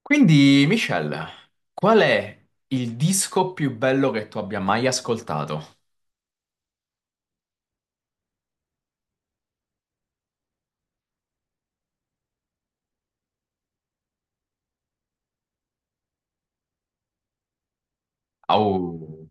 Quindi, Michelle, qual è il disco più bello che tu abbia mai ascoltato? Au.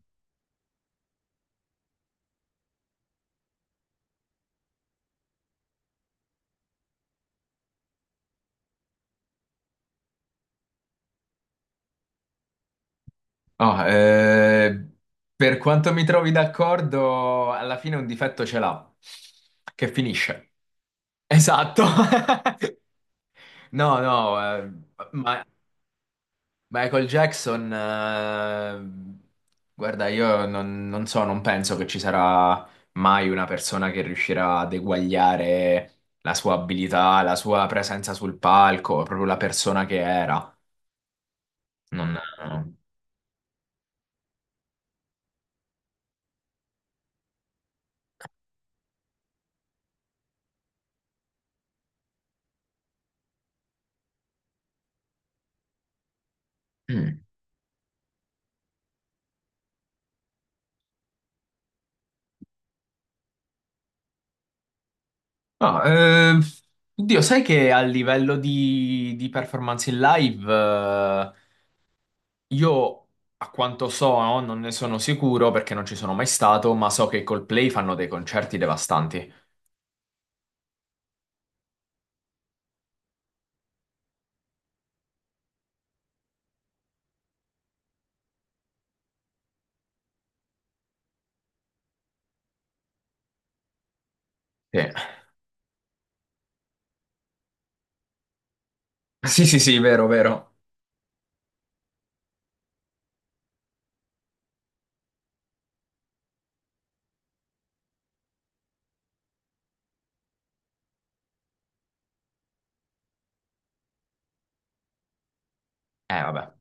Ah, eh, per quanto mi trovi d'accordo, alla fine un difetto ce l'ha, che finisce. Esatto. No, no, ma Michael Jackson, guarda, io non so, non penso che ci sarà mai una persona che riuscirà ad eguagliare la sua abilità, la sua presenza sul palco, proprio la persona che era. Non... Mm. No, oddio, sai che a livello di performance in live, io a quanto so, no, non ne sono sicuro perché non ci sono mai stato, ma so che i Coldplay fanno dei concerti devastanti. Sì. Sì, sì, sì, vero, vero. Vabbè.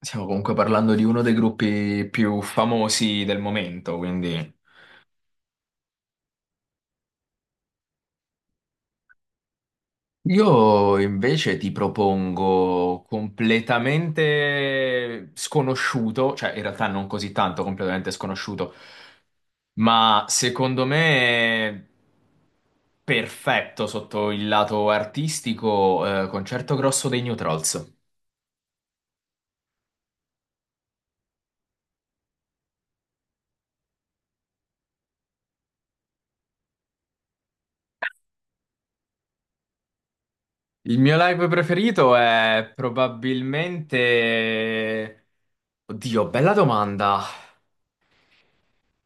Stiamo comunque parlando di uno dei gruppi più famosi del momento, quindi... Io invece ti propongo completamente sconosciuto, cioè in realtà non così tanto completamente sconosciuto, ma secondo me perfetto sotto il lato artistico, Concerto Grosso dei New Trolls. Il mio live preferito è probabilmente... Oddio, bella domanda.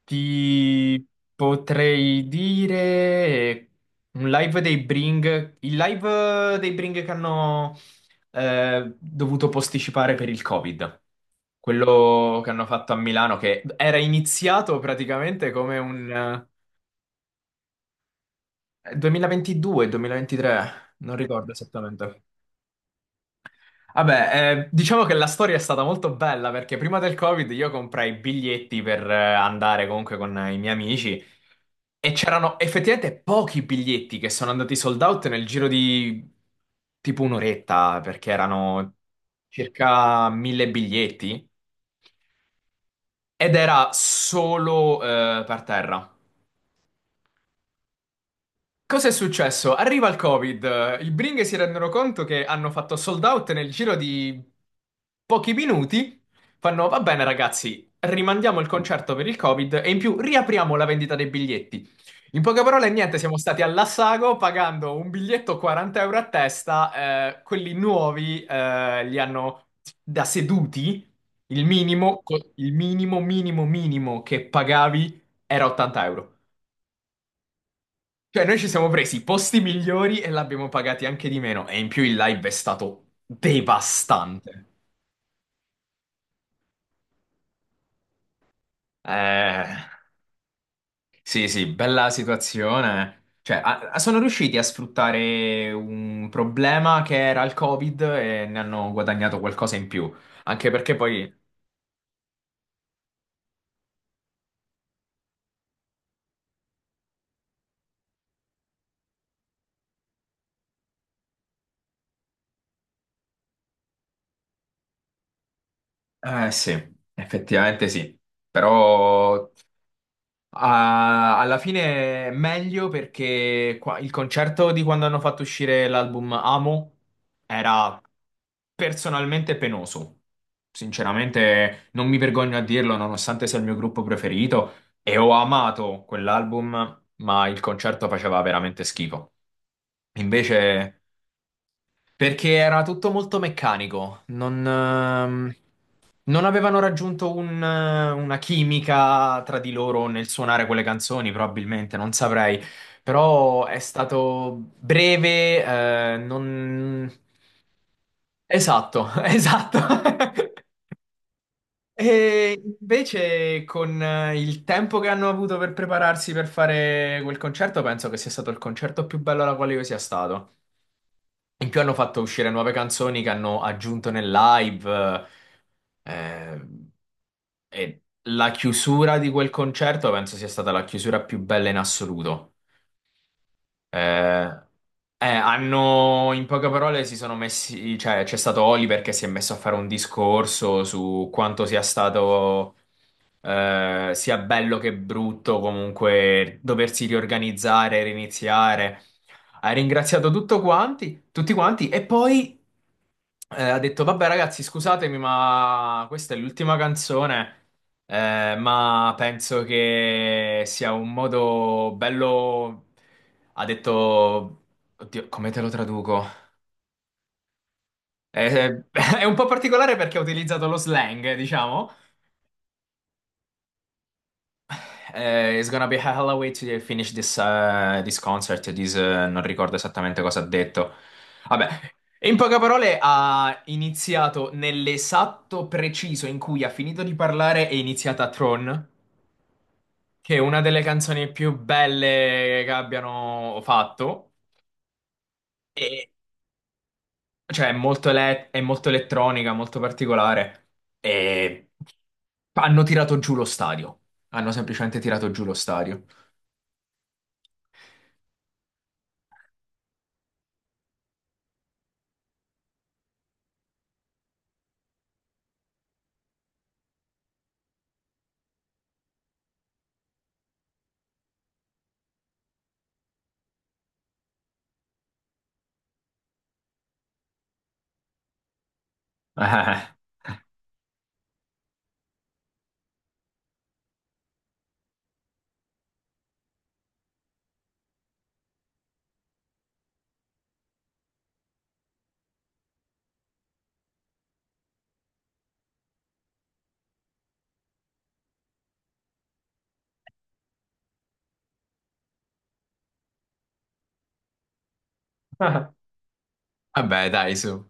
Ti potrei dire un live dei Bring, il live dei Bring che hanno dovuto posticipare per il Covid. Quello che hanno fatto a Milano, che era iniziato praticamente come un 2022-2023, non ricordo esattamente. Vabbè, diciamo che la storia è stata molto bella perché prima del Covid io comprai i biglietti per andare comunque con i miei amici e c'erano effettivamente pochi biglietti che sono andati sold out nel giro di tipo un'oretta perché erano circa 1000 biglietti ed era solo per terra. Cosa è successo? Arriva il Covid, i Bring si rendono conto che hanno fatto sold out nel giro di pochi minuti, fanno va bene ragazzi, rimandiamo il concerto per il Covid e in più riapriamo la vendita dei biglietti. In poche parole, niente, siamo stati all'assago pagando un biglietto 40€ a testa, quelli nuovi li hanno da seduti, il minimo, il minimo, minimo che pagavi era 80€. Cioè, noi ci siamo presi i posti migliori e l'abbiamo pagati anche di meno. E in più il live è stato devastante. Eh, sì, sì, bella situazione. Cioè, sono riusciti a sfruttare un problema che era il Covid e ne hanno guadagnato qualcosa in più. Anche perché poi... Eh sì, effettivamente sì. Però ah, alla fine è meglio perché il concerto di quando hanno fatto uscire l'album Amo era personalmente penoso. Sinceramente, non mi vergogno a dirlo, nonostante sia il mio gruppo preferito, e ho amato quell'album, ma il concerto faceva veramente schifo. Invece, perché era tutto molto meccanico, non avevano raggiunto una chimica tra di loro nel suonare quelle canzoni, probabilmente, non saprei. Però è stato breve, non... Esatto, esatto. E invece con il tempo che hanno avuto per prepararsi per fare quel concerto, penso che sia stato il concerto più bello alla quale io sia stato. In più hanno fatto uscire nuove canzoni che hanno aggiunto nel live. eh, e la chiusura di quel concerto penso sia stata la chiusura più bella in assoluto. Eh, Hanno, in poche parole, si sono messi, cioè c'è stato Oliver che si è messo a fare un discorso su quanto sia stato sia bello che brutto, comunque doversi riorganizzare, riniziare. Ha ringraziato tutto quanti, tutti quanti e poi ha detto: Vabbè, ragazzi, scusatemi, ma questa è l'ultima canzone. Ma penso che sia un modo bello. Ha detto. Oddio, come te lo traduco? Eh, è un po' particolare perché ha utilizzato lo slang, diciamo. It's gonna be a hell of a way to finish this, this concert. This, non ricordo esattamente cosa ha detto. Vabbè, in poche parole ha iniziato nell'esatto preciso in cui ha finito di parlare è iniziata Tron, che è una delle canzoni più belle che abbiano fatto. E, cioè, è molto, è molto elettronica, molto particolare. E hanno tirato giù lo stadio. Hanno semplicemente tirato giù lo stadio. Vabbè, dai, su.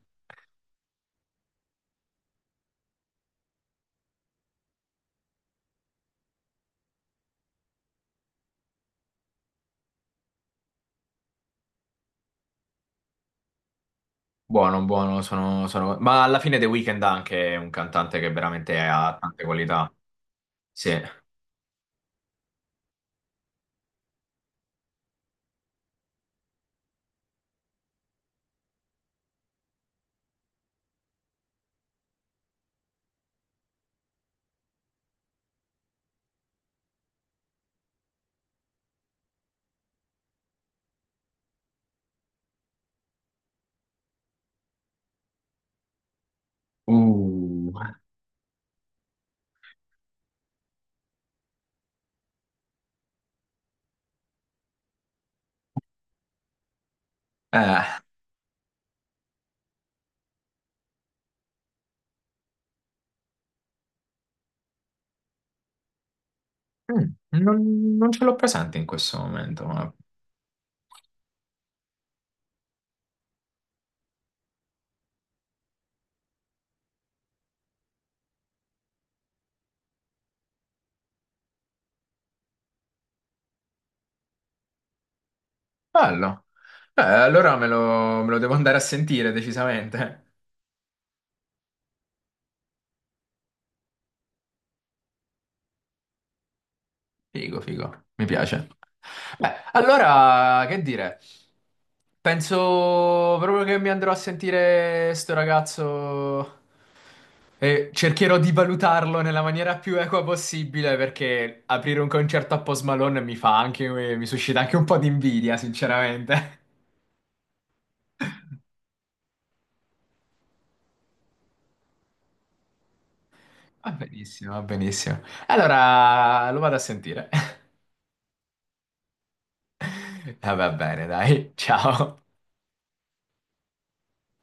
Buono, buono, ma alla fine The Weeknd ha anche è un cantante che veramente ha tante qualità. Sì. Uh. Eh, mm, non, non ce l'ho presente in questo momento, ma bello. Allora me lo devo andare a sentire decisamente. Figo, figo, mi piace. Beh, allora, che dire? Penso proprio che mi andrò a sentire sto ragazzo e cercherò di valutarlo nella maniera più equa possibile perché aprire un concerto a Post Malone mi fa anche, mi suscita anche un po' di invidia, sinceramente. Va benissimo, va benissimo. Allora, lo vado a sentire. Va bene, dai, ciao.